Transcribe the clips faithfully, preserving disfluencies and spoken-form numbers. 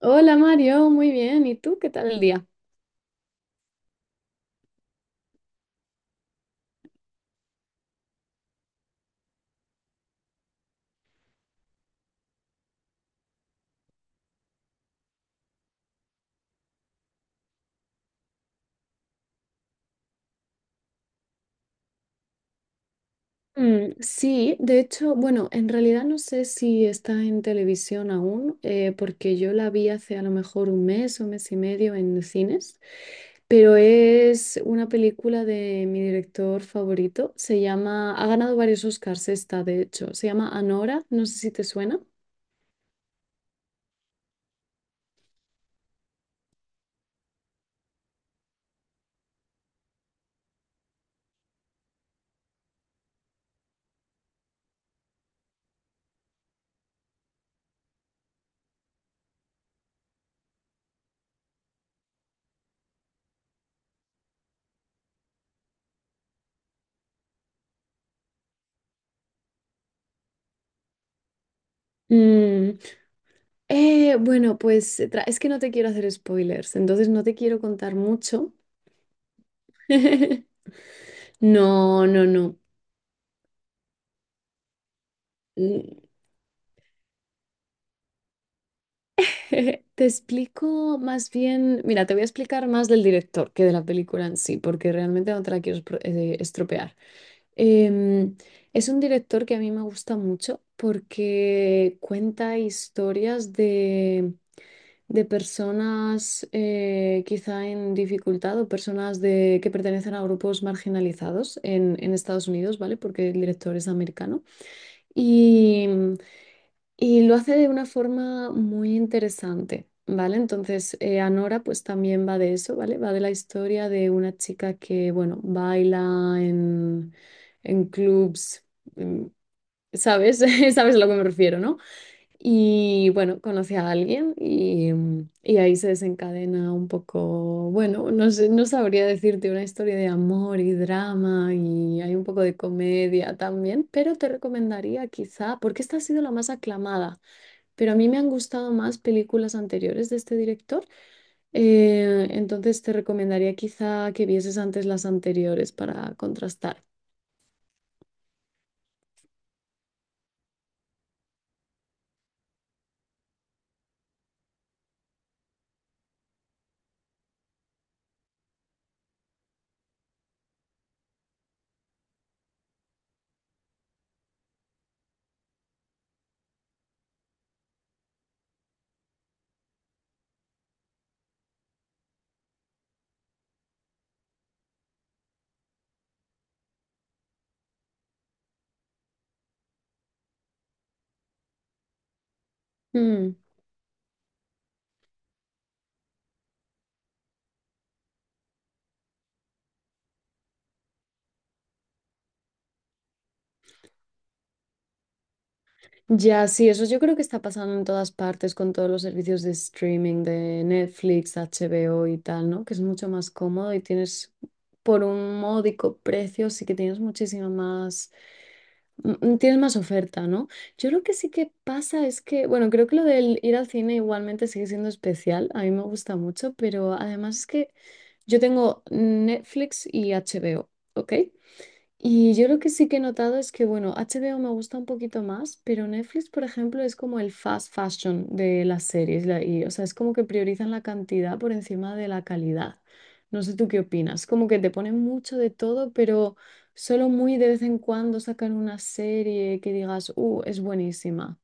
Hola Mario, muy bien. ¿Y tú qué tal el día? Mm, sí, de hecho, bueno, en realidad no sé si está en televisión aún, eh, porque yo la vi hace a lo mejor un mes o mes y medio en cines, pero es una película de mi director favorito. Se llama, ha ganado varios Oscars esta, de hecho. Se llama Anora, no sé si te suena. Mm, eh, bueno, pues tra- es que no te quiero hacer spoilers, entonces no te quiero contar mucho. No, no, no. Mm, te explico más bien, mira, te voy a explicar más del director que de la película en sí, porque realmente no te la quiero espro- eh, estropear. Em, es un director que a mí me gusta mucho porque cuenta historias de, de personas eh, quizá en dificultad o personas de, que pertenecen a grupos marginalizados en, en Estados Unidos, ¿vale? Porque el director es americano. Y lo hace de una forma muy interesante, ¿vale? Entonces, eh, Anora pues también va de eso, ¿vale? Va de la historia de una chica que, bueno, baila en, en clubs, mm, ¿sabes? ¿Sabes a lo que me refiero, ¿no? Y bueno, conoce a alguien y, mm, y ahí se desencadena un poco, bueno, no sé, no sabría decirte, una historia de amor y drama y hay un poco de comedia también, pero te recomendaría quizá, porque esta ha sido la más aclamada. Pero a mí me han gustado más películas anteriores de este director. Eh, entonces te recomendaría quizá que vieses antes las anteriores para contrastar. Mm, Ya, sí, eso yo creo que está pasando en todas partes con todos los servicios de streaming de Netflix, H B O y tal, ¿no? Que es mucho más cómodo y tienes por un módico precio, sí que tienes muchísima más. Mm, mm, tienes más oferta, ¿no? Yo lo que sí que pasa es que, bueno, creo que lo del ir al cine igualmente sigue siendo especial, a mí me gusta mucho, pero además es que yo tengo Netflix y H B O, ¿ok? Y yo lo que sí que he notado es que, bueno, H B O me gusta un poquito más, pero Netflix, por ejemplo, es como el fast fashion de las series. La- y, o sea, es como que priorizan la cantidad por encima de la calidad. No sé tú qué opinas. Como que te ponen mucho de todo, pero solo muy de vez en cuando sacan una serie que digas, uh, es buenísima.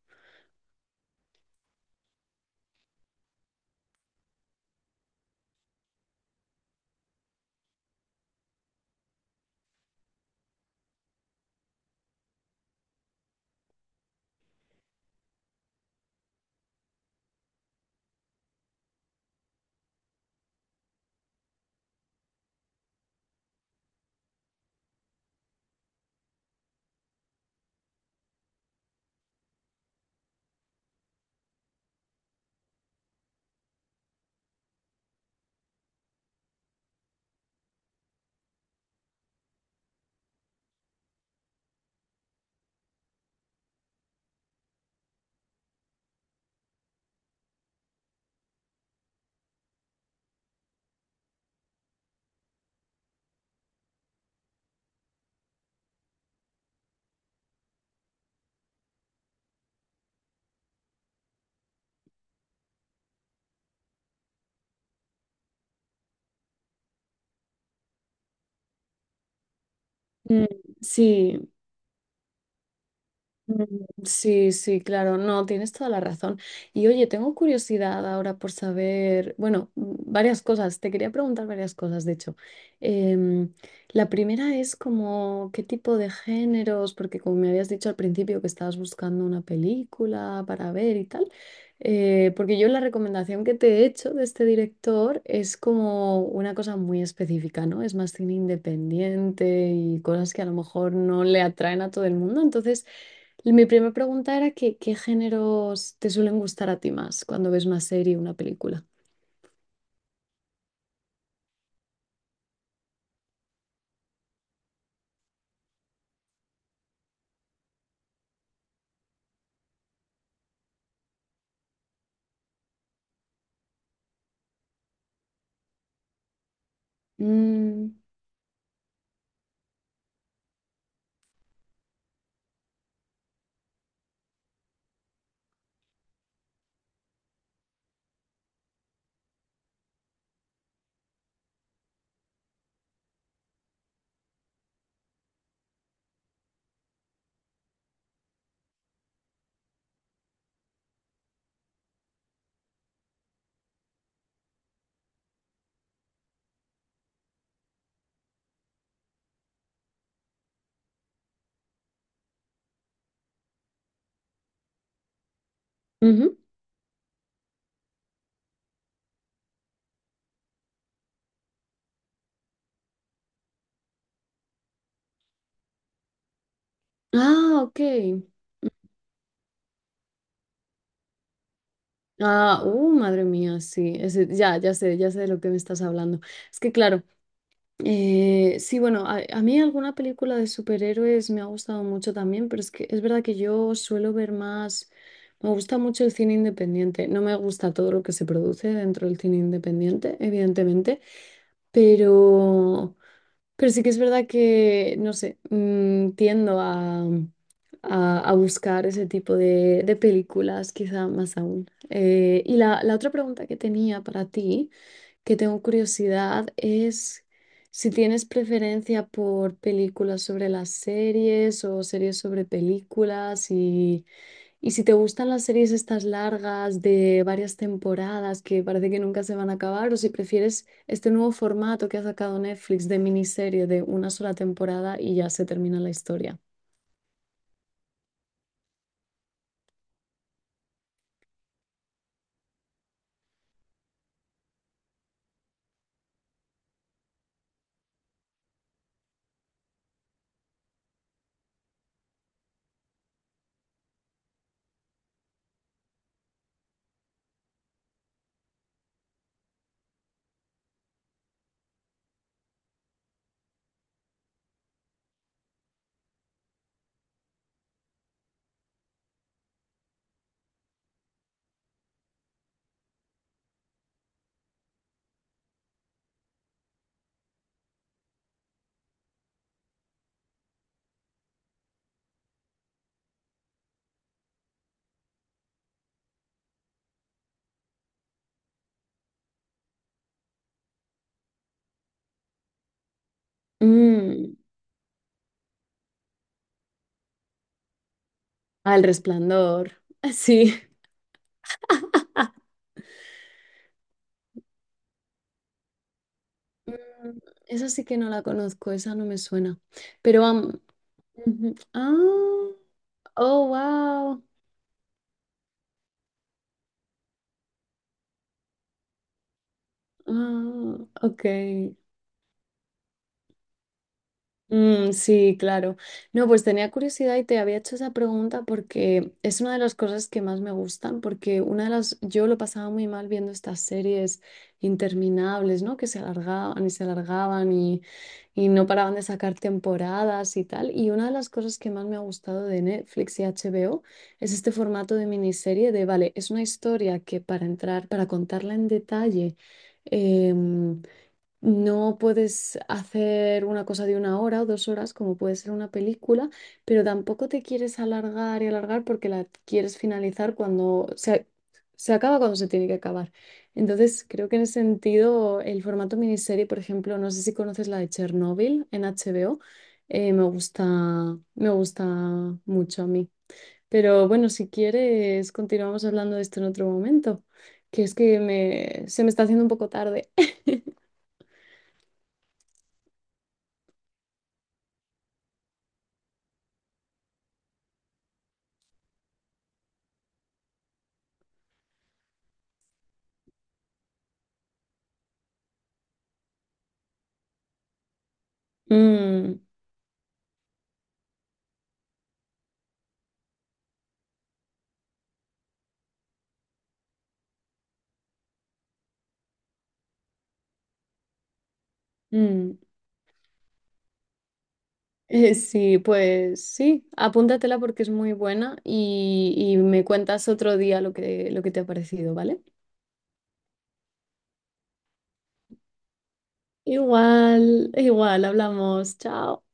Mm, sí, mm, sí, sí, claro, no, tienes toda la razón. Y oye, tengo curiosidad ahora por saber, bueno, mm, varias cosas, te quería preguntar varias cosas, de hecho. Em, la primera es como qué tipo de géneros, porque como me habías dicho al principio que estabas buscando una película para ver y tal, eh, porque yo la recomendación que te he hecho de este director es como una cosa muy específica, ¿no? Es más cine independiente y cosas que a lo mejor no le atraen a todo el mundo, entonces... Mi primera pregunta era que, ¿qué géneros te suelen gustar a ti más cuando ves una serie o una película? Mm, ujú. Ah, ok. Ah, uh, madre mía, sí. Ese- ya, ya sé, ya sé de lo que me estás hablando. Es que claro, eh, sí, bueno, a, a mí alguna película de superhéroes me ha gustado mucho también, pero es que es verdad que yo suelo ver más, me gusta mucho el cine independiente. No me gusta todo lo que se produce dentro del cine independiente, evidentemente. Pero Pero sí que es verdad que, no sé, mm, tiendo a, a- a buscar ese tipo de, de películas, quizá más aún. Eh, y la, la otra pregunta que tenía para ti, que tengo curiosidad, es si tienes preferencia por películas sobre las series o series sobre películas y y si te gustan las series estas largas de varias temporadas que parece que nunca se van a acabar, o si prefieres este nuevo formato que ha sacado Netflix de miniserie de una sola temporada y ya se termina la historia. Mm, ah, El Resplandor. Sí. Mm, Esa sí que no la conozco, esa no me suena. Pero, am- ujú. Ah, oh, wow. Ah, ok. Mm, sí, claro. No, pues tenía curiosidad y te había hecho esa pregunta porque es una de las cosas que más me gustan, porque una de las, yo lo pasaba muy mal viendo estas series interminables, ¿no? Que se alargaban y se alargaban y, y no paraban de sacar temporadas y tal. Y una de las cosas que más me ha gustado de Netflix y H B O es este formato de miniserie de, vale, es una historia que para entrar, para contarla en detalle. em, no puedes hacer una cosa de una hora o dos horas, como puede ser una película, pero tampoco te quieres alargar y alargar porque la quieres finalizar cuando se, se acaba cuando se tiene que acabar. Entonces, creo que en ese sentido, el formato miniserie, por ejemplo, no sé si conoces la de Chernobyl en H B O, eh, me gusta, me gusta mucho a mí. Pero bueno, si quieres, continuamos hablando de esto en otro momento, que es que me, se me está haciendo un poco tarde. Mm. Mm, eh, sí, pues sí, apúntatela porque es muy buena y, y me cuentas otro día lo que, lo que te ha parecido, ¿vale? Igual, igual, hablamos, chao.